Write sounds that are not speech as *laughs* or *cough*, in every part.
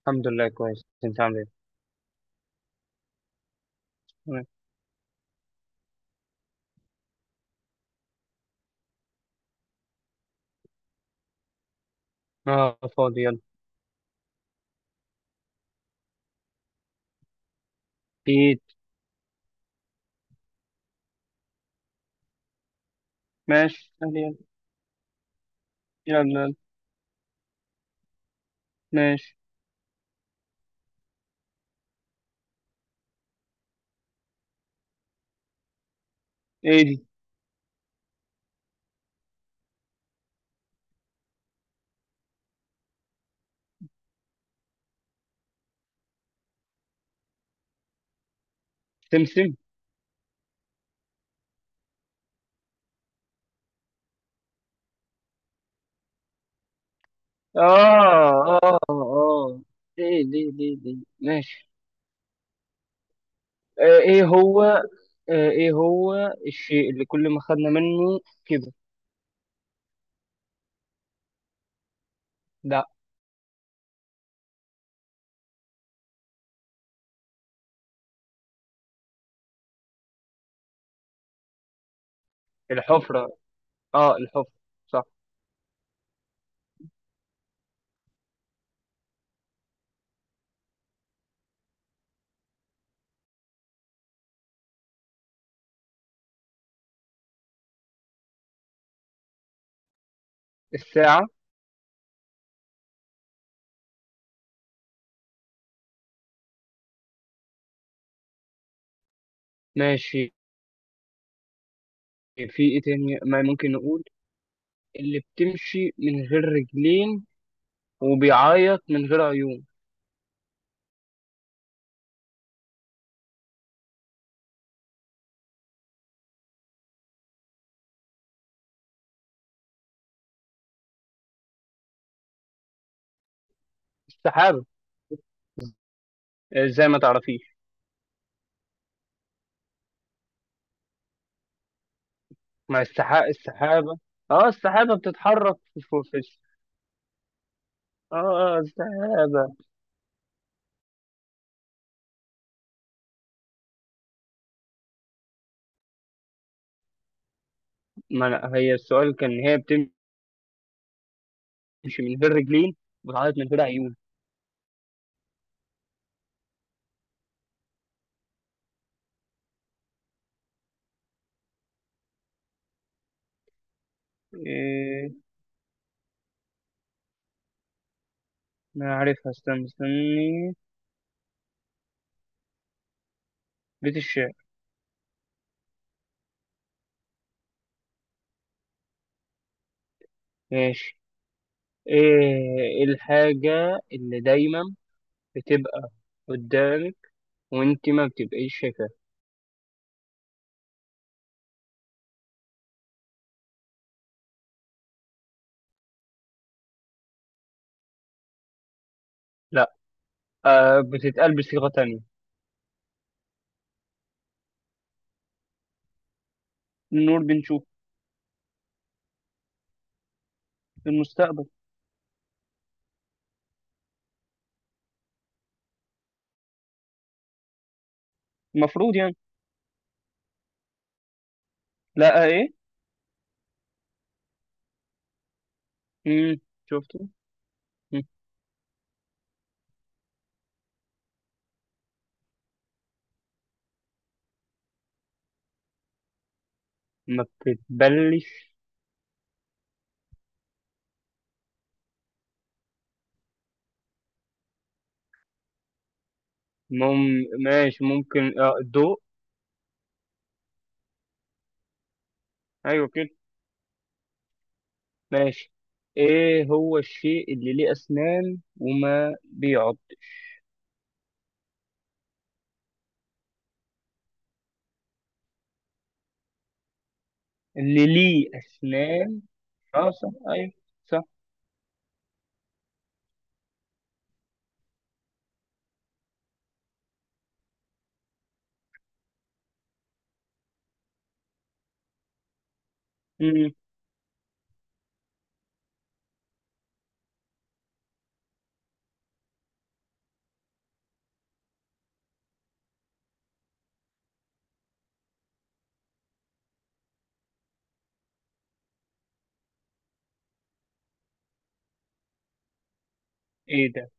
الحمد لله كويس. انت عامل ايه؟ تمام. اه، فاضي، يلا. ايد. ماشي، يلا يلا يلا. ماشي. ايه دي؟ سمسم. اه اه اه. ايه دي ماشي. آه ايه هو آه ايه هو الشيء اللي كل ما خدنا منه كده؟ لا. الحفرة، اه الحفرة، صح. الساعة. ماشي. في ايه تاني ما ممكن نقول اللي بتمشي من غير رجلين وبيعيط من غير عيون؟ السحابة. آه، زي ما تعرفيش. مع السحابة، السحابة. اه، السحابة بتتحرك اه، آه، السحابة. ما أنا هي السؤال، كان هي بتمشي من غير رجلين وبتعيط من غير عيون. ايه، انا عارفها، استنى استني. بيت الشعر. ماشي. ايه الحاجة اللي دايما بتبقى قدامك وانت ما بتبقيش شايفاها؟ لا، آه، بتتقال بصيغة تانية. النور بنشوف. في المستقبل. المفروض يعني. لا، آه، ايه. امم، شفته. ما بتتبلش. ماشي، ممكن اه، الضوء. ايوه كده. ماشي. ايه هو الشيء اللي ليه اسنان وما بيعض؟ اللي ليه اسنان. اه صح، ايوه. صح. مم. ايه ده؟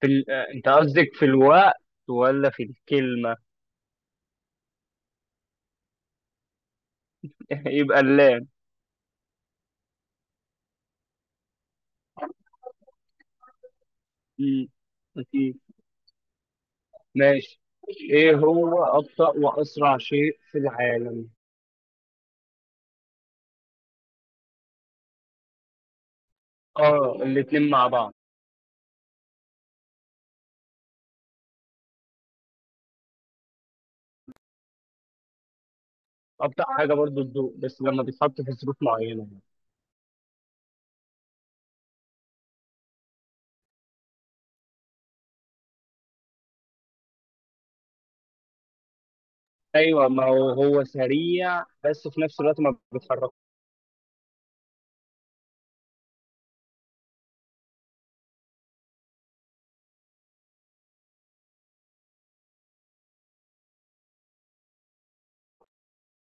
في ال... آه، انت قصدك في الوقت ولا في الكلمة؟ *laughs* يبقى اللام. مم. اكيد. ماشي. ايه هو ابطأ واسرع شيء في العالم؟ اه، الاتنين مع بعض. ابطأ حاجة برضو الضوء، بس لما بيتحط في ظروف معينة. ايوه، ما هو هو سريع بس في نفس الوقت ما بيتحرك.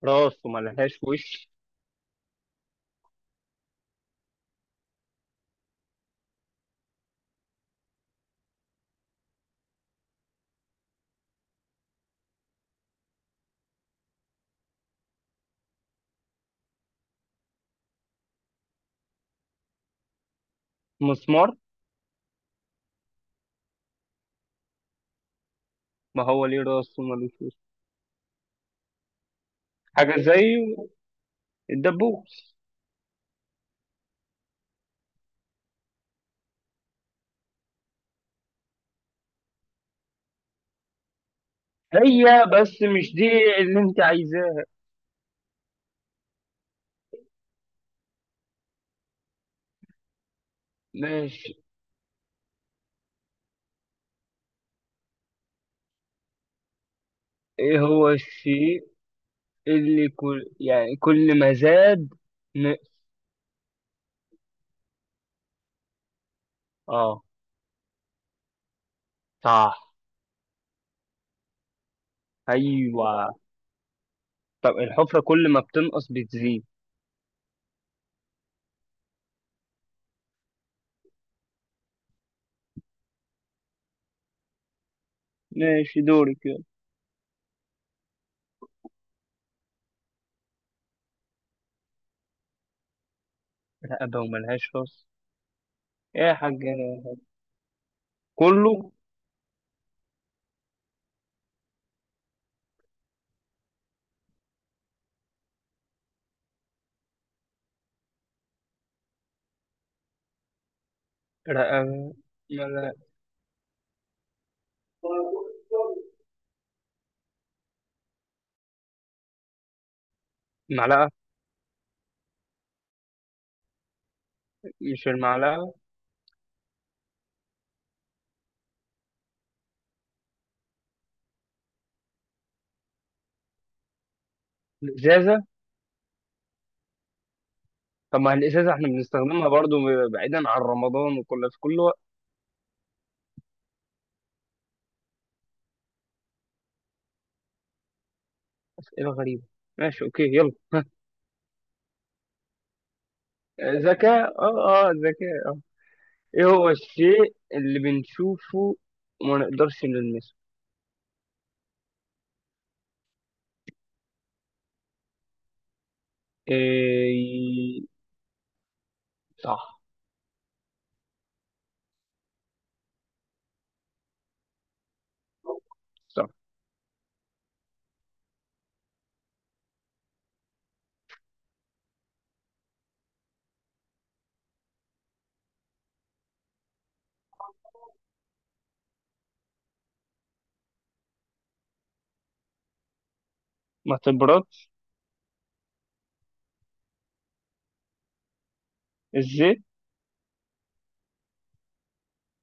راسه ما لهاش وش. مسمار. ما هو ليه راس وما لهوش وش. حاجه زي الدبوس. هي، بس مش دي اللي انت عايزاها. ماشي. ايه هو الشيء اللي كل، يعني كل ما زاد ن... اه صح، ايوه. طب الحفره كل ما بتنقص بتزيد. ماشي، دورك، يلا. رقبه وملهاش راس. ايه يا حاج، كله. رقبه. معلقة. مش المعلقة. الإزازة. طب ما الإزازة احنا بنستخدمها برضو بعيدا عن رمضان، وكل في كل وقت. أسئلة غريبة. ماشي، أوكي، يلا. ذكاء، اه اه، ذكاء، اه. إيه هو الشيء اللي بنشوفه وما نقدرش نلمسه؟ إيه. صح، صح. ما تبرد. الزيت،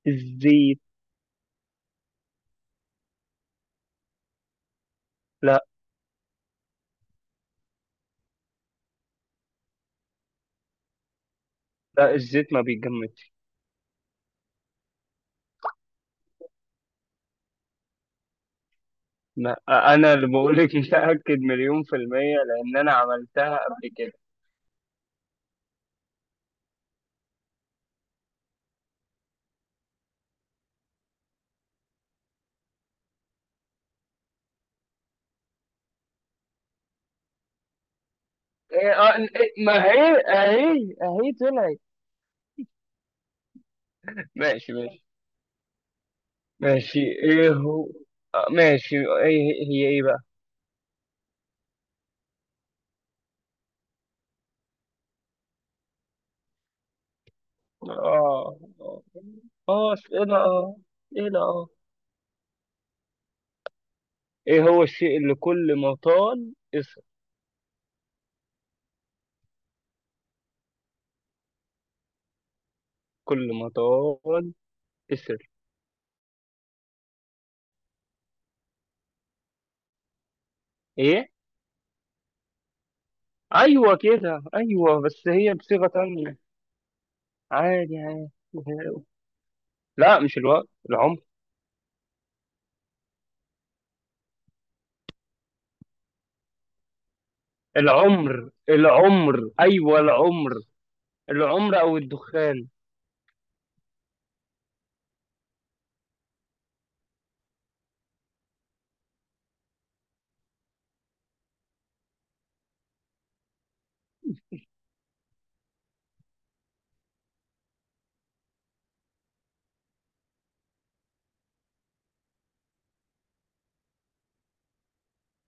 الزيت. لا. لا، الزيت ما بيتجمدش. ما أنا اللي بقولك متأكد مليون في المية، لأن أنا عملتها قبل كده. إيه، آه، إيه، ما هي اهي اهي طلعت. ماشي ماشي. ماشي، ايه هو؟ آه، ماشي، ايه هي ايه بقى؟ اه اه. آه، ايه ده، اه. ايه ده، اه. ايه هو الشيء اللي كل ما طال اسر؟ كل ما طال اسر. ايه. ايوه كده، ايوه، بس هي بصيغة تانية. عادي عادي. لا، مش الوقت، العمر. العمر العمر، ايوه العمر. العمر او الدخان.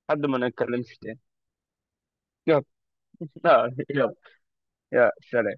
حد ما نتكلمش تاني. لا، يلا. يا سلام.